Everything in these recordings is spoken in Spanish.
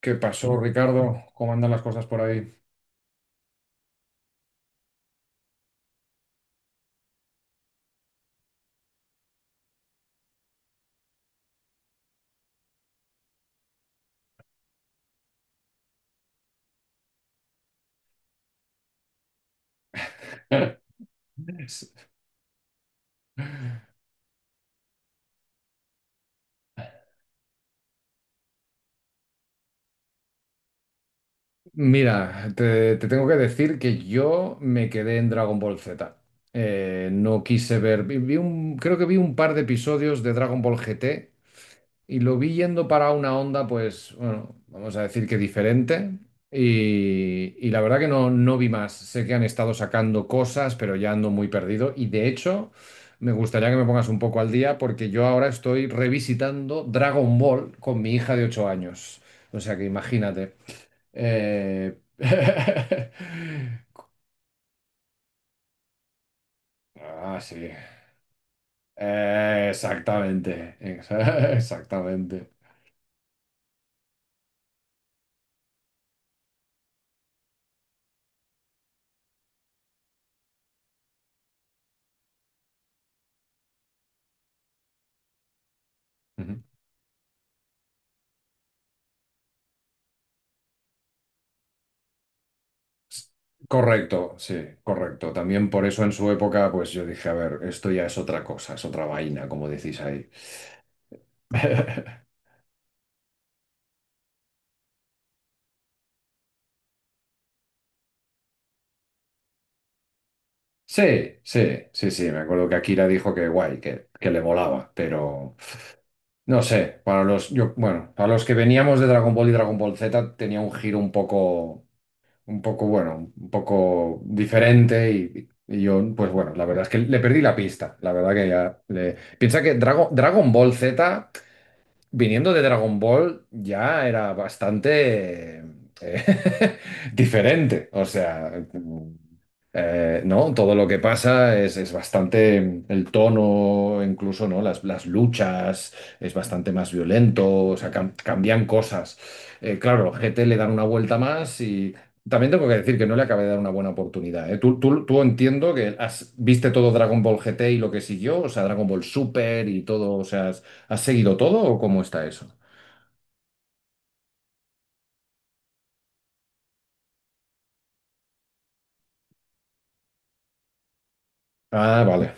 ¿Qué pasó, Ricardo? ¿Cómo andan las cosas por ahí? S- Mira, te tengo que decir que yo me quedé en Dragon Ball Z. No quise ver, creo que vi un par de episodios de Dragon Ball GT. Y lo vi yendo para una onda, pues, bueno, vamos a decir que diferente. Y la verdad que no vi más. Sé que han estado sacando cosas, pero ya ando muy perdido. Y de hecho, me gustaría que me pongas un poco al día porque yo ahora estoy revisitando Dragon Ball con mi hija de 8 años. O sea que imagínate. Eh, Ah, sí. Exactamente. Exactamente. Correcto, sí, correcto. También por eso en su época, pues yo dije, a ver, esto ya es otra cosa, es otra vaina, como decís ahí. Sí, sí, sí, sí, me acuerdo que Akira dijo que guay, que le molaba, pero no sé, para los, yo, bueno, para los que veníamos de Dragon Ball y Dragon Ball Z tenía un giro un poco, bueno, un poco diferente y yo, pues bueno, la verdad es que le perdí la pista, la verdad que ya le... Piensa que Dragon Ball Z... viniendo de Dragon Ball ya era bastante eh, diferente. O sea, ¿no? Todo lo que pasa es bastante. El tono, incluso, ¿no? Las luchas, es bastante más violento, o sea, cambian cosas. Claro, G T le dan una vuelta más y. También tengo que decir que no le acabé de dar una buena oportunidad, ¿eh? Tú entiendo que viste todo Dragon Ball G T y lo que siguió, o sea, Dragon Ball Super y todo, o sea, ¿has seguido todo o cómo está eso? Ah, vale.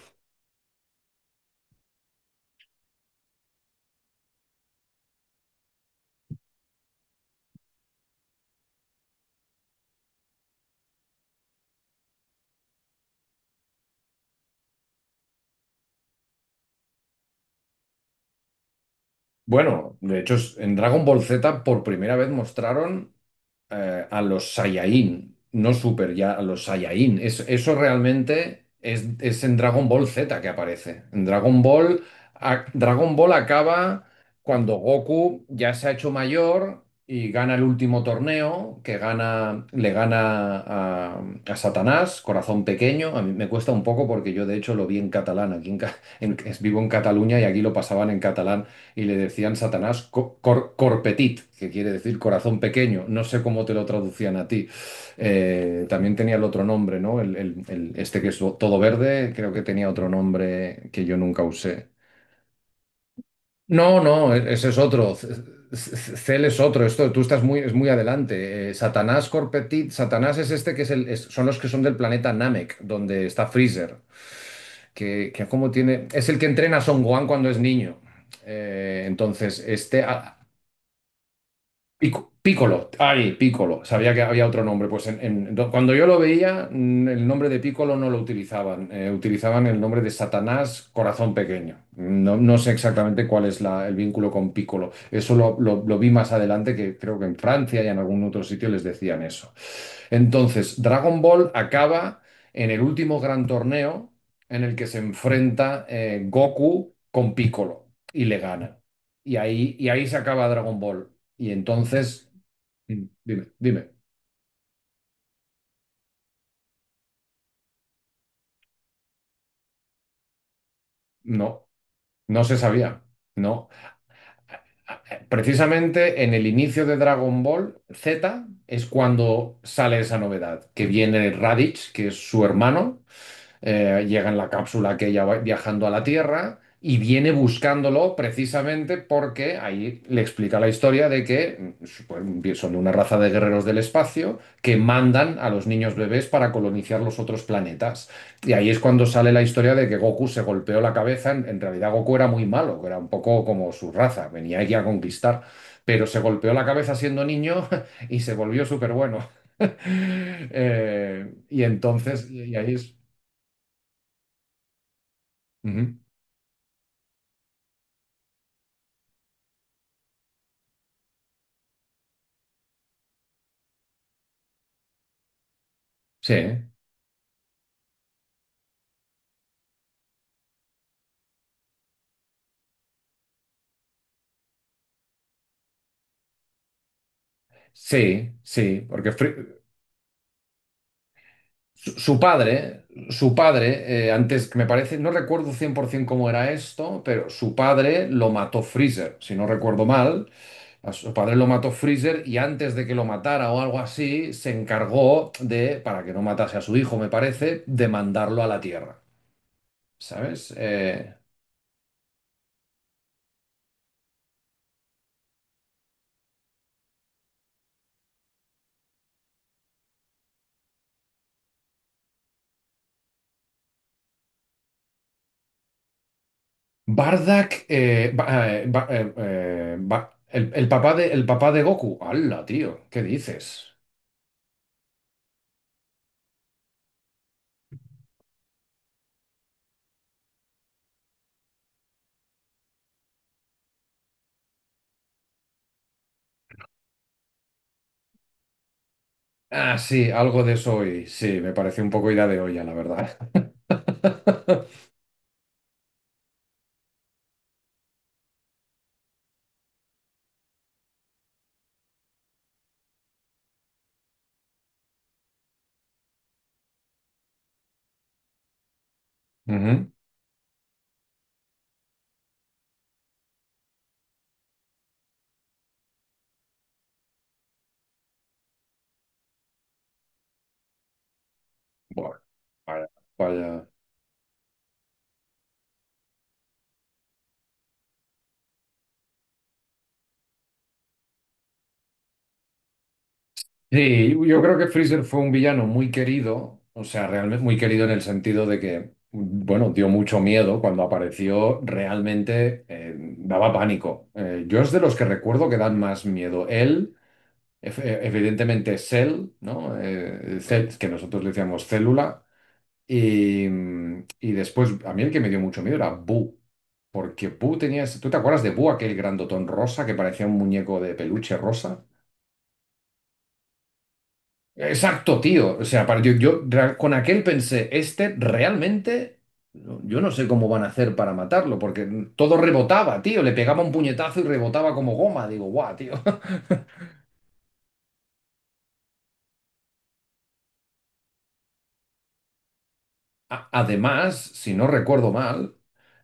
Bueno, de hecho, en Dragon Ball Z por primera vez mostraron a los Saiyajin, no Super, ya a los Saiyajin. Eso realmente es en Dragon Ball Z que aparece. En Dragon Ball, Dragon Ball acaba cuando Goku ya se ha hecho mayor y gana el último torneo, le gana a Satanás, Corazón Pequeño. A mí me cuesta un poco porque yo de hecho lo vi en catalán. Aquí en- vivo en Cataluña y aquí lo pasaban en catalán y le decían Satanás corpetit, que quiere decir corazón pequeño. No sé cómo te lo traducían a ti. También tenía el otro nombre, ¿no? Este que es todo verde, creo que tenía otro nombre que yo nunca usé. No, no, ese es otro. Cel es otro. Esto, tú estás es muy adelante. Satanás Corpetit, Satanás es este que son los que son del planeta Namek, donde está Freezer, que como tiene, es el que entrena a Son Gohan cuando es niño. Entonces, este, Piccolo, ay, Piccolo, sabía que había otro nombre. Pues cuando yo lo veía, el nombre de Piccolo no lo utilizaban, utilizaban el nombre de Satanás Corazón Pequeño. No, no sé exactamente cuál es el vínculo con Piccolo. Eso lo vi más adelante, que creo que en Francia y en algún otro sitio les decían eso. Entonces, Dragon Ball acaba en el último gran torneo en el que se enfrenta Goku con Piccolo y le gana. Y ahí se acaba Dragon Ball. Y entonces, dime, dime, no, no se sabía, no. Precisamente en el inicio de Dragon Ball Z es cuando sale esa novedad, que viene Raditz, que es su hermano, llega en la cápsula que ella va viajando a la Tierra y viene buscándolo precisamente porque ahí le explica la historia de que pues, son una raza de guerreros del espacio que mandan a los niños bebés para colonizar los otros planetas. Y ahí es cuando sale la historia de que Goku se golpeó la cabeza. En realidad Goku era muy malo, era un poco como su raza, venía aquí a conquistar. Pero se golpeó la cabeza siendo niño y se volvió súper bueno. Y entonces, y ahí es... Ujú. Sí, sí, sí, porque su padre, antes que me parece, no recuerdo 100% cómo era esto, pero su padre lo mató Freezer, si no recuerdo mal, a su padre lo mató Freezer y antes de que lo matara o algo así, se encargó de, para que no matase a su hijo, me parece, de mandarlo a la Tierra, ¿sabes? Bardock, el papá de Goku, ¡hala, tío! ¿Qué dices? Ah, sí, algo de eso hoy. Sí, me pareció un poco idea de olla, la verdad. Ujú. Bueno, vaya, vaya. Sí, yo creo que Freezer fue un villano muy querido, o sea, realmente muy querido en el sentido de que, bueno, dio mucho miedo cuando apareció, realmente daba pánico. Yo es de los que recuerdo que dan más miedo. Evidentemente Cell, ¿no? Cell, que nosotros le decíamos célula. Y después, a mí el que me dio mucho miedo era Boo. Porque Boo tenía... ¿Tú te acuerdas de Boo, aquel grandotón rosa que parecía un muñeco de peluche rosa? Exacto, tío. O sea, para, yo ra- con aquel pensé, este realmente... Yo no sé cómo van a hacer para matarlo, porque todo rebotaba, tío. Le pegaba un puñetazo y rebotaba como goma. Digo, guau, tío. Además, si no recuerdo mal,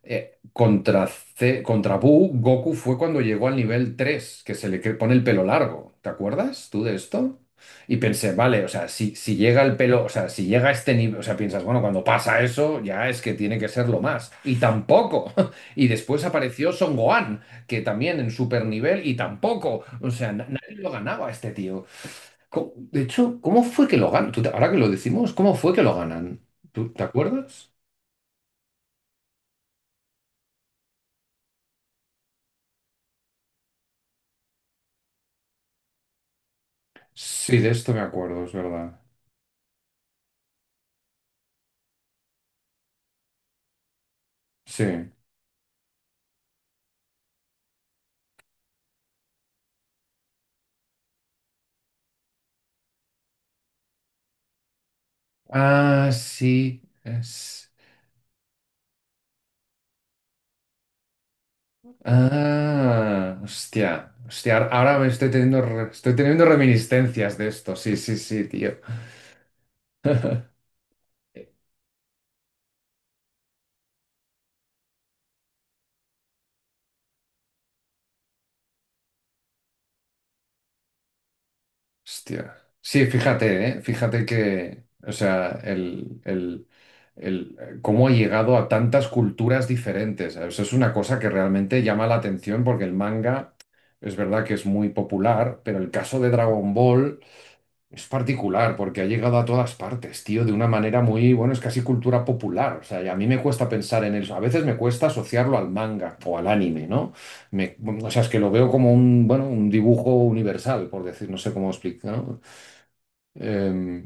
contra Buu, Goku fue cuando llegó al nivel 3 que se le pone el pelo largo. ¿Te acuerdas tú de esto? Y pensé, vale, o sea, si llega el pelo, o sea, si llega a este nivel, o sea, piensas, bueno, cuando pasa eso, ya es que tiene que ser lo más. Y tampoco. Y después apareció Son Gohan, que también en super nivel, y tampoco. O sea, nadie lo ganaba a este tío. De hecho, ¿cómo fue que lo ganan? Ahora que lo decimos, ¿cómo fue que lo ganan? ¿Tú te acuerdas? Sí, de esto me acuerdo, es verdad. Sí. Ah, sí. Es... Ah, hostia. Hostia, ahora ahora me estoy teniendo, re- estoy teniendo reminiscencias de esto. Sí, sí, sí, tío. Hostia. Sí, fíjate, ¿eh? Fíjate que, o sea, el, cómo ha llegado a tantas culturas diferentes. Eso es una cosa que realmente llama la atención porque el manga es verdad que es muy popular, pero el caso de Dragon Ball es particular porque ha llegado a todas partes, tío, de una manera muy, bueno, es casi cultura popular. O sea, y a mí me cuesta pensar en eso. A veces me cuesta asociarlo al manga o al anime, ¿no? Me- o sea, es que lo veo como un, bueno, un dibujo universal, por decir, no sé cómo explicar, ¿no? Eh,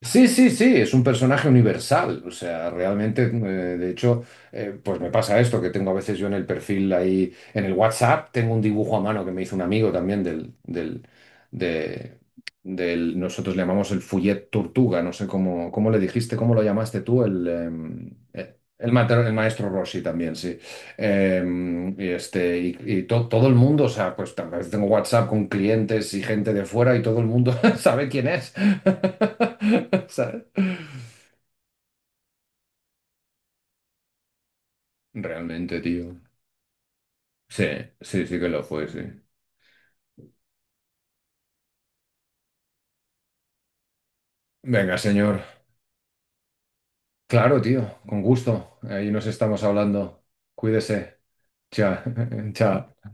sí, sí, sí, es un personaje universal. O sea, realmente, de hecho, pues me pasa esto, que tengo a veces yo en el perfil ahí, en el WhatsApp, tengo un dibujo a mano que me hizo un amigo también de, nosotros le llamamos el Fouillet Tortuga, no sé cómo, cómo le dijiste, cómo lo llamaste tú, el maestro Rossi también, sí. Y este, y todo el mundo, o sea, pues a veces tengo WhatsApp con clientes y gente de fuera y todo el mundo sabe quién es. ¿Sabes? Realmente, tío. Sí, sí, sí que lo fue, sí. Venga, señor. Claro, tío, con gusto. Ahí nos estamos hablando. Cuídese. Chao, chao.